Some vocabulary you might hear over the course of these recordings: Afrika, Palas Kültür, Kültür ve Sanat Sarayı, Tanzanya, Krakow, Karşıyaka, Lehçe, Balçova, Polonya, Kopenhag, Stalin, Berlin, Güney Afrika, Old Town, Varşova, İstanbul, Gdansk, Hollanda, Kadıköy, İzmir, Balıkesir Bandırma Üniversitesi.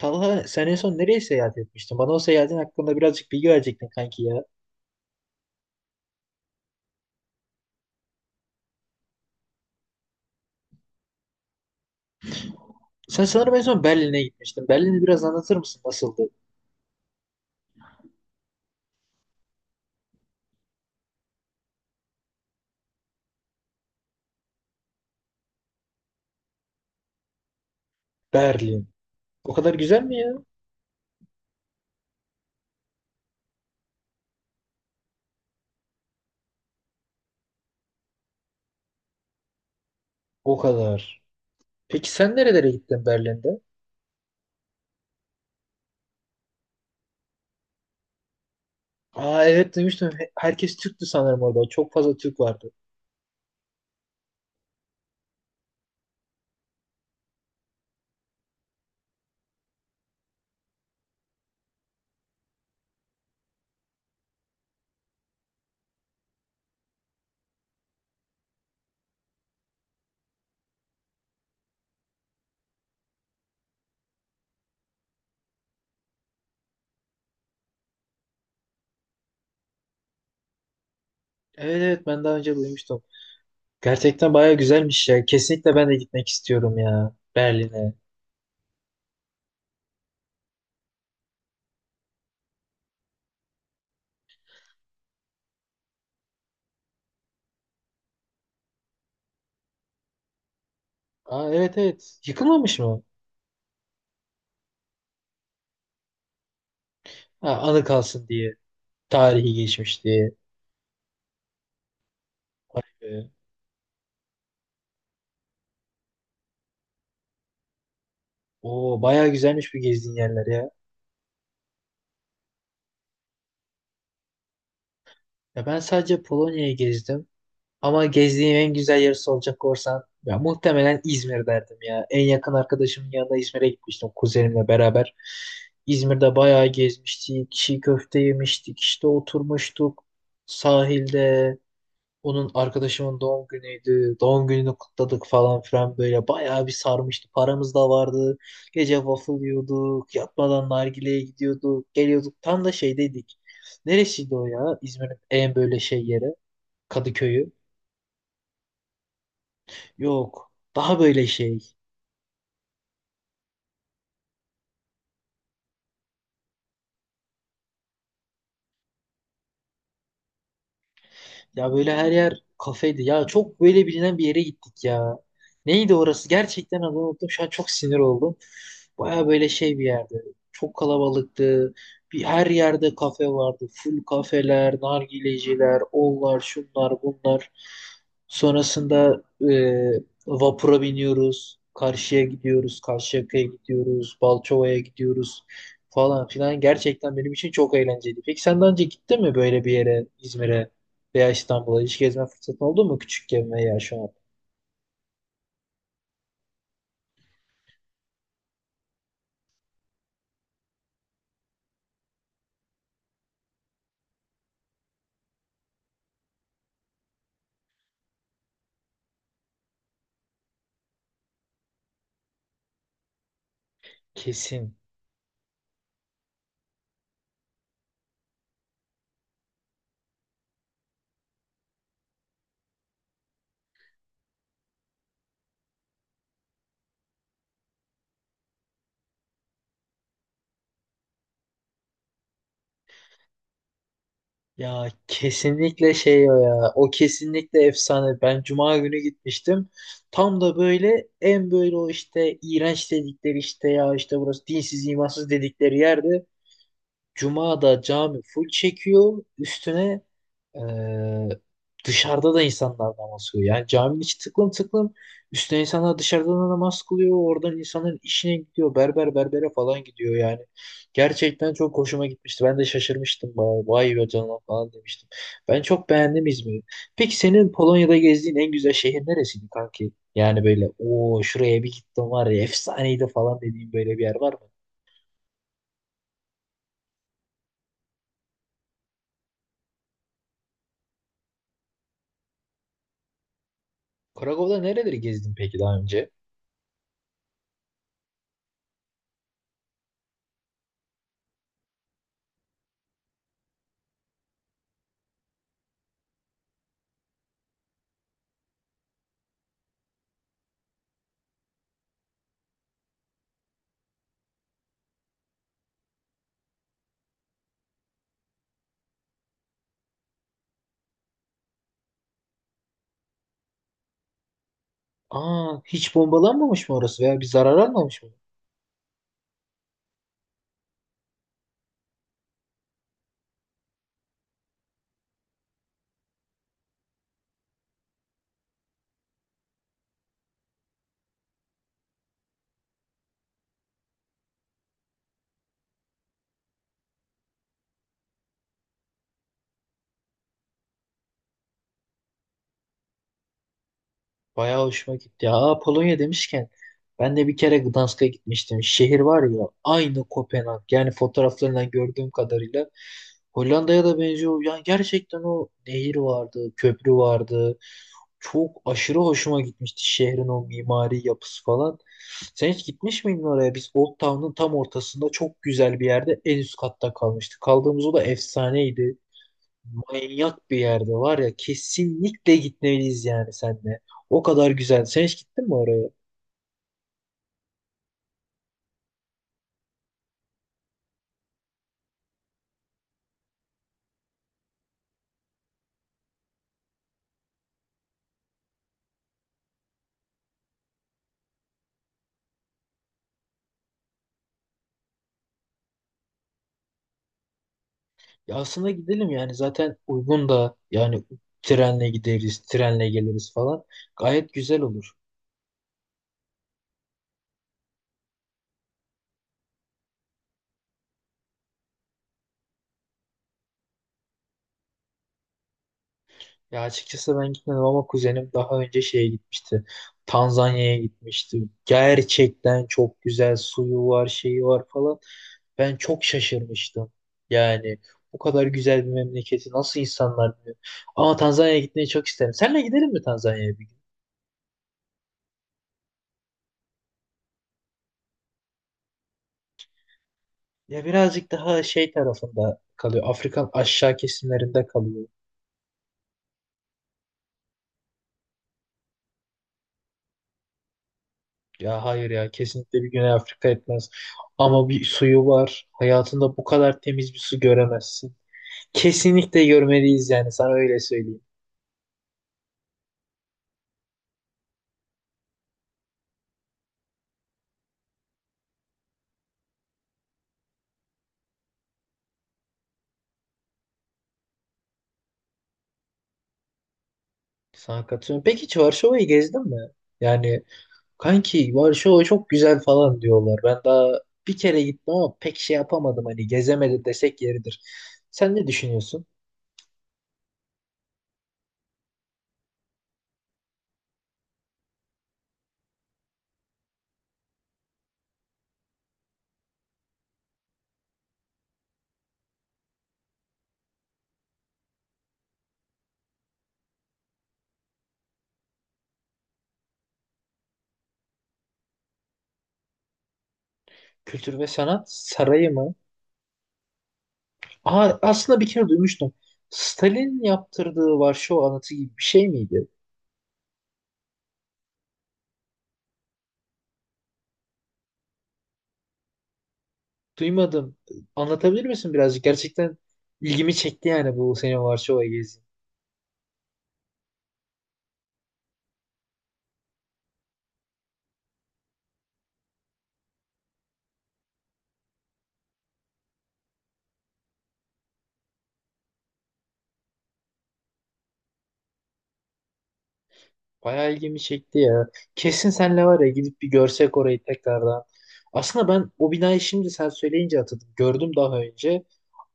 Talha sen en son nereye seyahat etmiştin? Bana o seyahatin hakkında birazcık bilgi verecektin kanki ya. Sen sanırım en son Berlin'e gitmiştin. Berlin'i biraz anlatır mısın? Nasıldı? Berlin. O kadar güzel mi ya? O kadar. Peki sen nerelere gittin Berlin'de? Aa evet duymuştum. Herkes Türktü sanırım orada. Çok fazla Türk vardı. Evet evet ben daha önce duymuştum. Gerçekten baya güzelmiş ya. Kesinlikle ben de gitmek istiyorum ya Berlin'e. Aa evet evet. Yıkılmamış mı? Ha, anı kalsın diye. Tarihi geçmiş diye. Ee, Oo, bayağı güzelmiş bu gezdiğin yerler ya. Ya ben sadece Polonya'yı gezdim. Ama gezdiğim en güzel yeri soracak olursan ya muhtemelen İzmir derdim ya. En yakın arkadaşımın yanında İzmir'e gitmiştim kuzenimle beraber. İzmir'de bayağı gezmiştik. Çiğ köfte yemiştik. İşte oturmuştuk sahilde. Onun arkadaşımın doğum günüydü. Doğum gününü kutladık falan filan böyle. Bayağı bir sarmıştı. Paramız da vardı. Gece waffle yiyorduk. Yatmadan nargileye gidiyorduk. Geliyorduk. Tam da şeydeydik. Neresiydi o ya? İzmir'in en böyle şey yeri. Kadıköy'ü. Yok. Daha böyle şey. Ya böyle her yer kafeydi. Ya çok böyle bilinen bir yere gittik ya. Neydi orası? Gerçekten adını unuttum. Şu an çok sinir oldum. Baya böyle şey bir yerdi. Çok kalabalıktı. Bir her yerde kafe vardı. Full kafeler, nargileciler, onlar, şunlar, bunlar. Sonrasında e, vapura biniyoruz. Karşıya gidiyoruz. Karşıyaka'ya gidiyoruz. Balçova'ya gidiyoruz falan filan. Gerçekten benim için çok eğlenceliydi. Peki sen daha önce gittin mi böyle bir yere, İzmir'e? Veya İstanbul'a hiç gezme fırsatı oldu mu küçükken veya şu an? Kesin. Ya kesinlikle şey o ya. O kesinlikle efsane. Ben cuma günü gitmiştim. Tam da böyle en böyle o işte iğrenç dedikleri işte ya işte burası dinsiz imansız dedikleri yerde. Cuma'da cami full çekiyor. Üstüne Ee, dışarıda da insanlar namaz kılıyor. Yani caminin içi tıklım tıklım. Üstüne insanlar dışarıdan da namaz kılıyor. Oradan insanların işine gidiyor. Berber berbere falan gidiyor yani. Gerçekten çok hoşuma gitmişti. Ben de şaşırmıştım. Vay, vay be canına falan demiştim. Ben çok beğendim İzmir'i. Peki senin Polonya'da gezdiğin en güzel şehir neresiydi kanki? Yani böyle o şuraya bir gittim var ya efsaneydi falan dediğin böyle bir yer var mı? Krakow'da nereleri gezdin peki daha önce? Aa hiç bombalanmamış mı orası veya bir zarar almamış mı? Bayağı hoşuma gitti ya. Aa, Polonya demişken ben de bir kere Gdansk'a gitmiştim. Şehir var ya aynı Kopenhag. Yani fotoğraflarından gördüğüm kadarıyla Hollanda'ya da benziyor. Yani gerçekten o nehir vardı, köprü vardı. Çok aşırı hoşuma gitmişti şehrin o mimari yapısı falan. Sen hiç gitmiş miydin oraya? Biz Old Town'un tam ortasında çok güzel bir yerde en üst katta kalmıştık. Kaldığımız o da efsaneydi. Manyak bir yerde var ya kesinlikle gitmeliyiz yani senle. O kadar güzel. Sen hiç gittin mi oraya? Ya aslında gidelim yani zaten uygun da yani trenle gideriz, trenle geliriz falan. Gayet güzel olur. Ya açıkçası ben gitmedim ama kuzenim daha önce şeye gitmişti. Tanzanya'ya gitmişti. Gerçekten çok güzel suyu var, şeyi var falan. Ben çok şaşırmıştım. Yani bu kadar güzel bir memleketi nasıl insanlar biliyor? Ama Tanzanya'ya gitmeyi çok isterim. Seninle gidelim mi Tanzanya'ya bir gün? Ya birazcık daha şey tarafında kalıyor. Afrika'nın aşağı kesimlerinde kalıyor. Ya hayır ya kesinlikle bir Güney Afrika etmez. Ama bir suyu var. Hayatında bu kadar temiz bir su göremezsin. Kesinlikle görmeliyiz yani sana öyle söyleyeyim. Sana katılıyorum. Peki hiç Varşova'yı gezdin mi? Yani kanki Varşova çok güzel falan diyorlar. Ben daha bir kere gittim ama pek şey yapamadım. Hani gezemedi desek yeridir. Sen ne düşünüyorsun? Kültür ve Sanat Sarayı mı? Aa, aslında bir kere duymuştum. Stalin yaptırdığı Varşova anıtı gibi bir şey miydi? Duymadım. Anlatabilir misin birazcık? Gerçekten ilgimi çekti yani bu senin Varşova gezin. Bayağı ilgimi çekti ya. Kesin senle var ya gidip bir görsek orayı tekrardan. Aslında ben o binayı şimdi sen söyleyince hatırladım. Gördüm daha önce.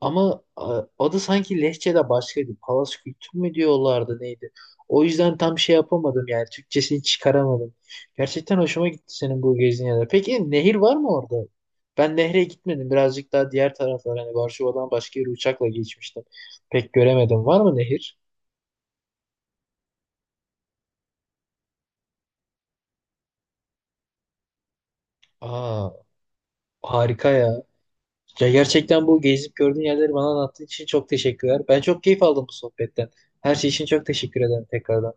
Ama adı sanki Lehçe'de başkaydı. Palas Kültür mü diyorlardı neydi? O yüzden tam şey yapamadım yani. Türkçesini çıkaramadım. Gerçekten hoşuma gitti senin bu gezin yerler. Peki nehir var mı orada? Ben nehre gitmedim. Birazcık daha diğer taraflar. Hani Varşova'dan başka yere uçakla geçmiştim. Pek göremedim. Var mı nehir? Aa, harika ya. Ya gerçekten bu gezip gördüğün yerleri bana anlattığın için çok teşekkürler. Ben çok keyif aldım bu sohbetten. Her şey için çok teşekkür ederim tekrardan.